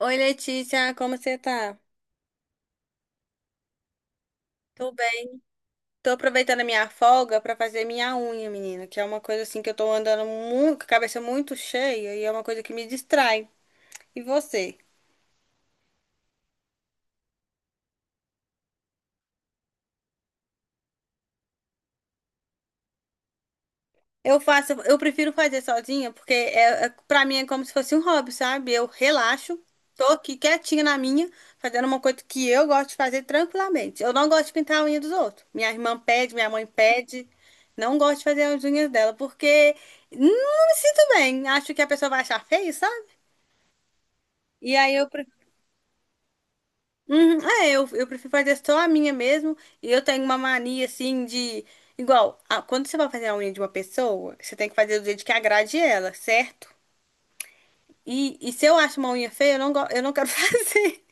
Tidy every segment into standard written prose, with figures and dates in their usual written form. Oi, Letícia, como você tá? Tô bem. Tô aproveitando a minha folga pra fazer minha unha, menina, que é uma coisa assim que eu tô andando muito, com a cabeça muito cheia e é uma coisa que me distrai. E você? Eu faço, eu prefiro fazer sozinha, porque para mim é como se fosse um hobby, sabe? Eu relaxo, tô aqui quietinha na minha, fazendo uma coisa que eu gosto de fazer tranquilamente. Eu não gosto de pintar a unha dos outros. Minha irmã pede, minha mãe pede. Não gosto de fazer as unhas dela, porque não me sinto bem. Acho que a pessoa vai achar feio, sabe? E aí eu, uhum, é, eu prefiro fazer só a minha mesmo. E eu tenho uma mania assim de. Igual, quando você vai fazer a unha de uma pessoa, você tem que fazer do jeito que agrade ela, certo? E se eu acho uma unha feia, eu eu não quero fazer.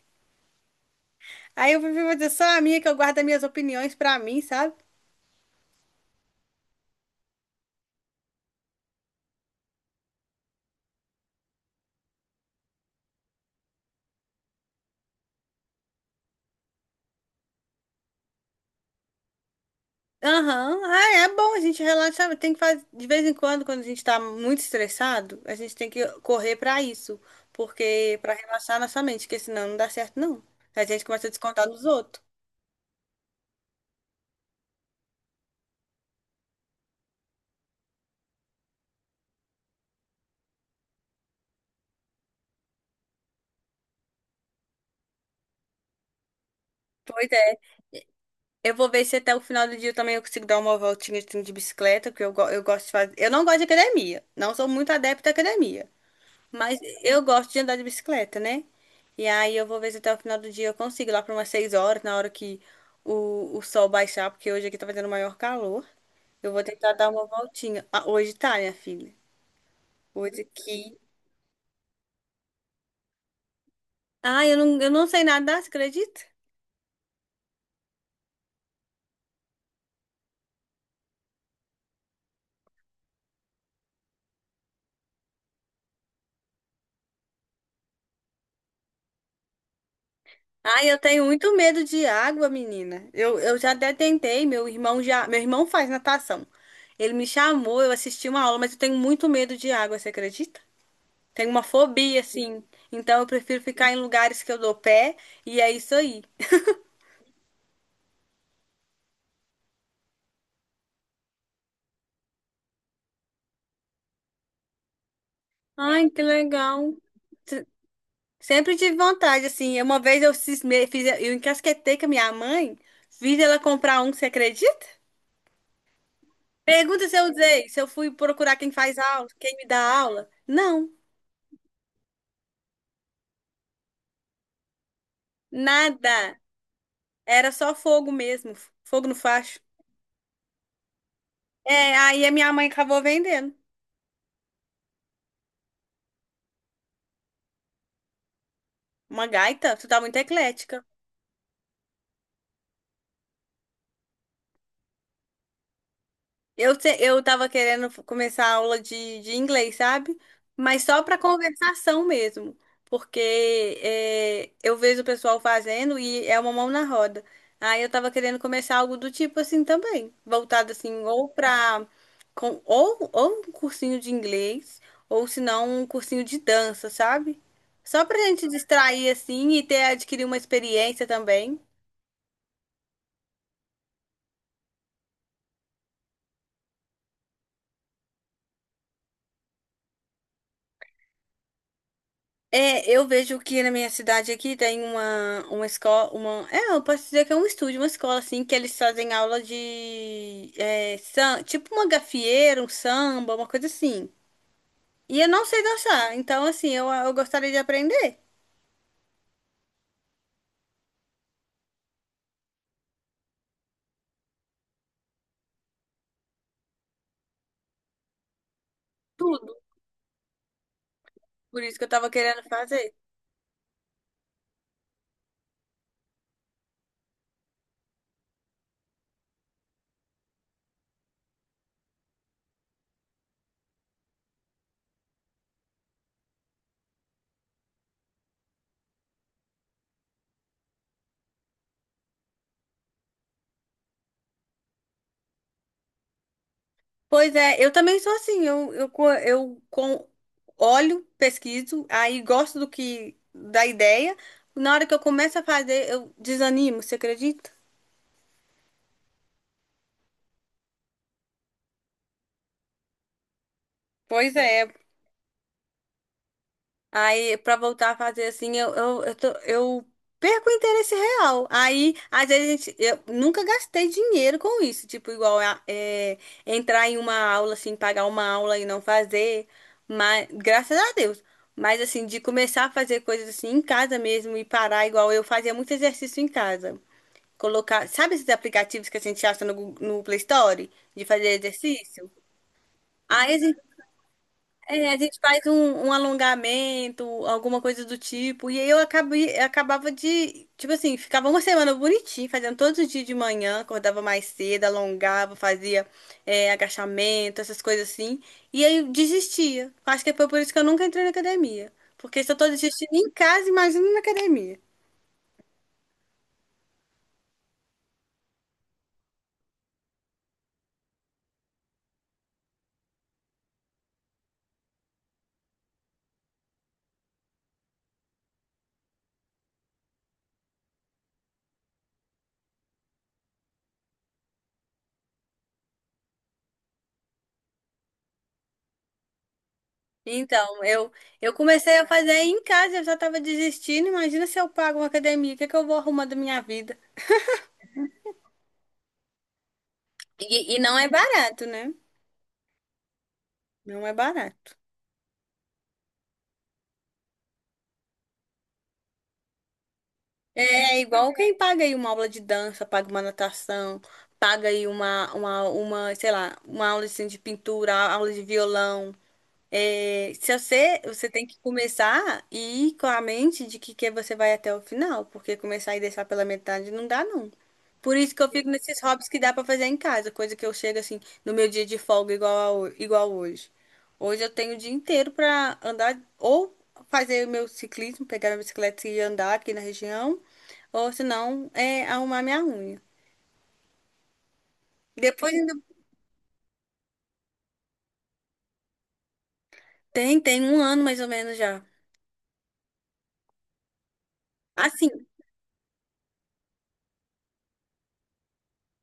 Aí eu prefiro fazer só a minha, que eu guardo as minhas opiniões pra mim, sabe? Aham, ah, é bom, a gente relaxa, tem que fazer, de vez em quando, quando a gente tá muito estressado, a gente tem que correr pra isso, porque pra relaxar nossa mente, porque senão não dá certo não. A gente começa a descontar nos outros. Pois é. Eu vou ver se até o final do dia eu também eu consigo dar uma voltinha assim, de bicicleta, porque eu gosto de fazer. Eu não gosto de academia, não sou muito adepta à academia. Mas eu gosto de andar de bicicleta, né? E aí eu vou ver se até o final do dia eu consigo, lá para umas 6 horas, na hora que o sol baixar, porque hoje aqui tá fazendo maior calor. Eu vou tentar dar uma voltinha. Ah, hoje tá, minha filha. Hoje aqui. Ah, eu não sei nadar, você acredita? Ah, eu tenho muito medo de água, menina. Eu já até tentei, meu irmão já. Meu irmão faz natação. Ele me chamou, eu assisti uma aula, mas eu tenho muito medo de água, você acredita? Tenho uma fobia, assim. Então eu prefiro ficar em lugares que eu dou pé e é isso aí. Ai, que legal. Sempre tive vontade, assim. Uma vez eu cismei, fiz, eu encasquetei com a minha mãe, fiz ela comprar um, você acredita? Pergunta se eu usei, se eu fui procurar quem faz aula, quem me dá aula. Não, nada. Era só fogo mesmo, fogo no facho. É, aí a minha mãe acabou vendendo. Uma gaita, tu tá muito eclética. Eu, eu tava querendo começar a aula de inglês, sabe? Mas só para conversação mesmo. Porque é, eu vejo o pessoal fazendo e é uma mão na roda. Aí eu tava querendo começar algo do tipo assim também. Voltado assim, ou pra. Com, ou um cursinho de inglês, ou se não, um cursinho de dança, sabe? Só pra gente distrair assim e ter adquirir uma experiência também. É, eu vejo que na minha cidade aqui tem uma escola, uma, é, eu posso dizer que é um estúdio, uma escola assim, que eles fazem aula de, é, tipo uma gafieira, um samba, uma coisa assim. E eu não sei dançar, então assim, eu gostaria de aprender tudo, por isso que eu tava querendo fazer. Pois é, eu também sou assim, eu com, olho, pesquiso, aí gosto do que, da ideia, na hora que eu começo a fazer, eu desanimo, você acredita? Pois é. Aí, pra voltar a fazer assim, eu perco o interesse real. Aí, às vezes, eu nunca gastei dinheiro com isso. Tipo, é, entrar em uma aula, assim, pagar uma aula e não fazer. Mas, graças a Deus. Mas, assim, de começar a fazer coisas assim em casa mesmo e parar, igual eu fazia muito exercício em casa. Colocar, sabe esses aplicativos que a gente acha no, no Play Store? De fazer exercício? Aí, é, a gente faz um, um alongamento, alguma coisa do tipo. E aí eu acabei, acabava de, tipo assim, ficava uma semana bonitinho, fazendo todos os dias de manhã, acordava mais cedo, alongava, fazia é, agachamento, essas coisas assim. E aí eu desistia. Acho que foi por isso que eu nunca entrei na academia. Porque se eu tô desistindo em casa, imagina na academia. Então, eu comecei a fazer em casa, eu já tava desistindo. Imagina se eu pago uma academia, o que é que eu vou arrumar da minha vida? E não é barato, né? Não é barato. É igual quem paga aí uma aula de dança, paga uma natação, paga aí uma, sei lá, uma aula assim, de pintura, aula de violão. É, se você, você tem que começar e ir com a mente de que você vai até o final, porque começar e deixar pela metade não dá, não. Por isso que eu fico nesses hobbies que dá pra fazer em casa, coisa que eu chego assim no meu dia de folga igual, igual hoje. Hoje eu tenho o dia inteiro pra andar ou fazer o meu ciclismo, pegar a bicicleta e andar aqui na região, ou se não, é arrumar minha unha. Depois ainda tem, tem um ano mais ou menos já. Assim,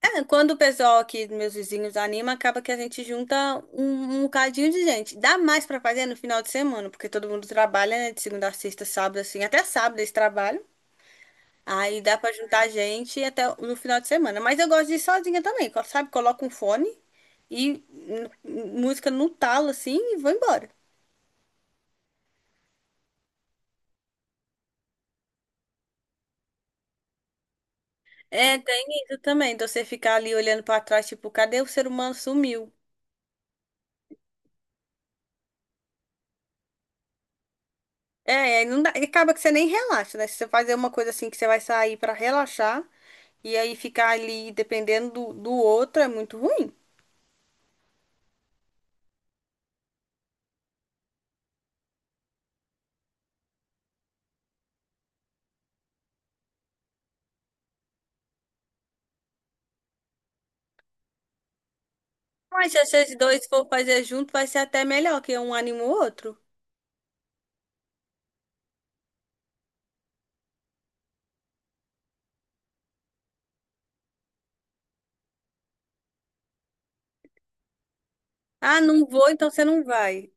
é, quando o pessoal aqui, meus vizinhos, anima, acaba que a gente junta um, um bocadinho de gente. Dá mais pra fazer no final de semana, porque todo mundo trabalha, né? De segunda a sexta, sábado, assim, até sábado eles trabalham. Aí dá pra juntar gente até no final de semana. Mas eu gosto de ir sozinha também, sabe? Coloco um fone e música no talo, assim, e vou embora. É, tem isso também, de você ficar ali olhando pra trás, tipo, cadê o ser humano sumiu? É, aí não dá, e acaba que você nem relaxa, né? Se você fazer uma coisa assim que você vai sair pra relaxar. E aí ficar ali dependendo do outro é muito ruim. Mas se vocês dois for fazer junto, vai ser até melhor, que um anima o outro. Ah, não vou, então você não vai.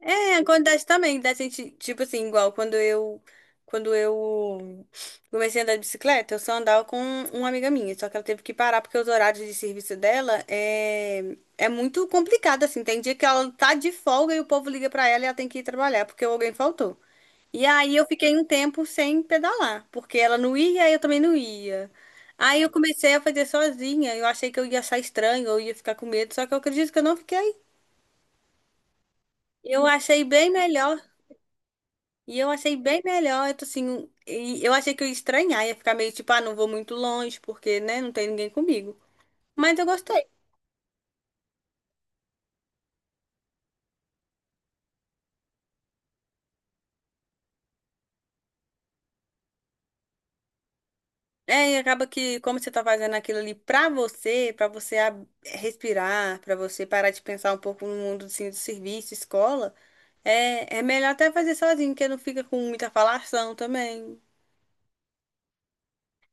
É, acontece também, da gente, tipo assim, igual quando eu comecei a andar de bicicleta, eu só andava com uma amiga minha, só que ela teve que parar porque os horários de serviço dela é muito complicado, assim. Tem dia que ela tá de folga e o povo liga pra ela e ela tem que ir trabalhar porque alguém faltou. E aí eu fiquei um tempo sem pedalar, porque ela não ia e eu também não ia. Aí eu comecei a fazer sozinha. Eu achei que eu ia achar estranho, eu ia ficar com medo, só que eu acredito que eu não fiquei. Eu achei bem melhor. E eu achei bem melhor, eu tô assim, um, e eu achei que eu ia estranhar, ia ficar meio tipo, ah, não vou muito longe, porque, né, não tem ninguém comigo. Mas eu gostei. É, e acaba que como você tá fazendo aquilo ali pra você respirar, pra você parar de pensar um pouco no mundo assim, do serviço, escola, é, é melhor até fazer sozinho, porque não fica com muita falação também.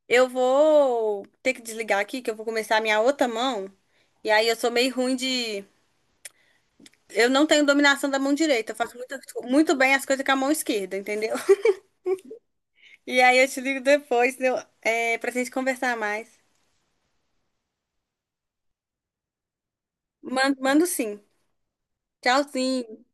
Eu vou ter que desligar aqui, que eu vou começar a minha outra mão. E aí eu sou meio ruim de. Eu não tenho dominação da mão direita. Eu faço muito, muito bem as coisas com a mão esquerda, entendeu? E aí eu te ligo depois, entendeu? É, pra gente conversar mais. Mando, mando sim. Tchauzinho.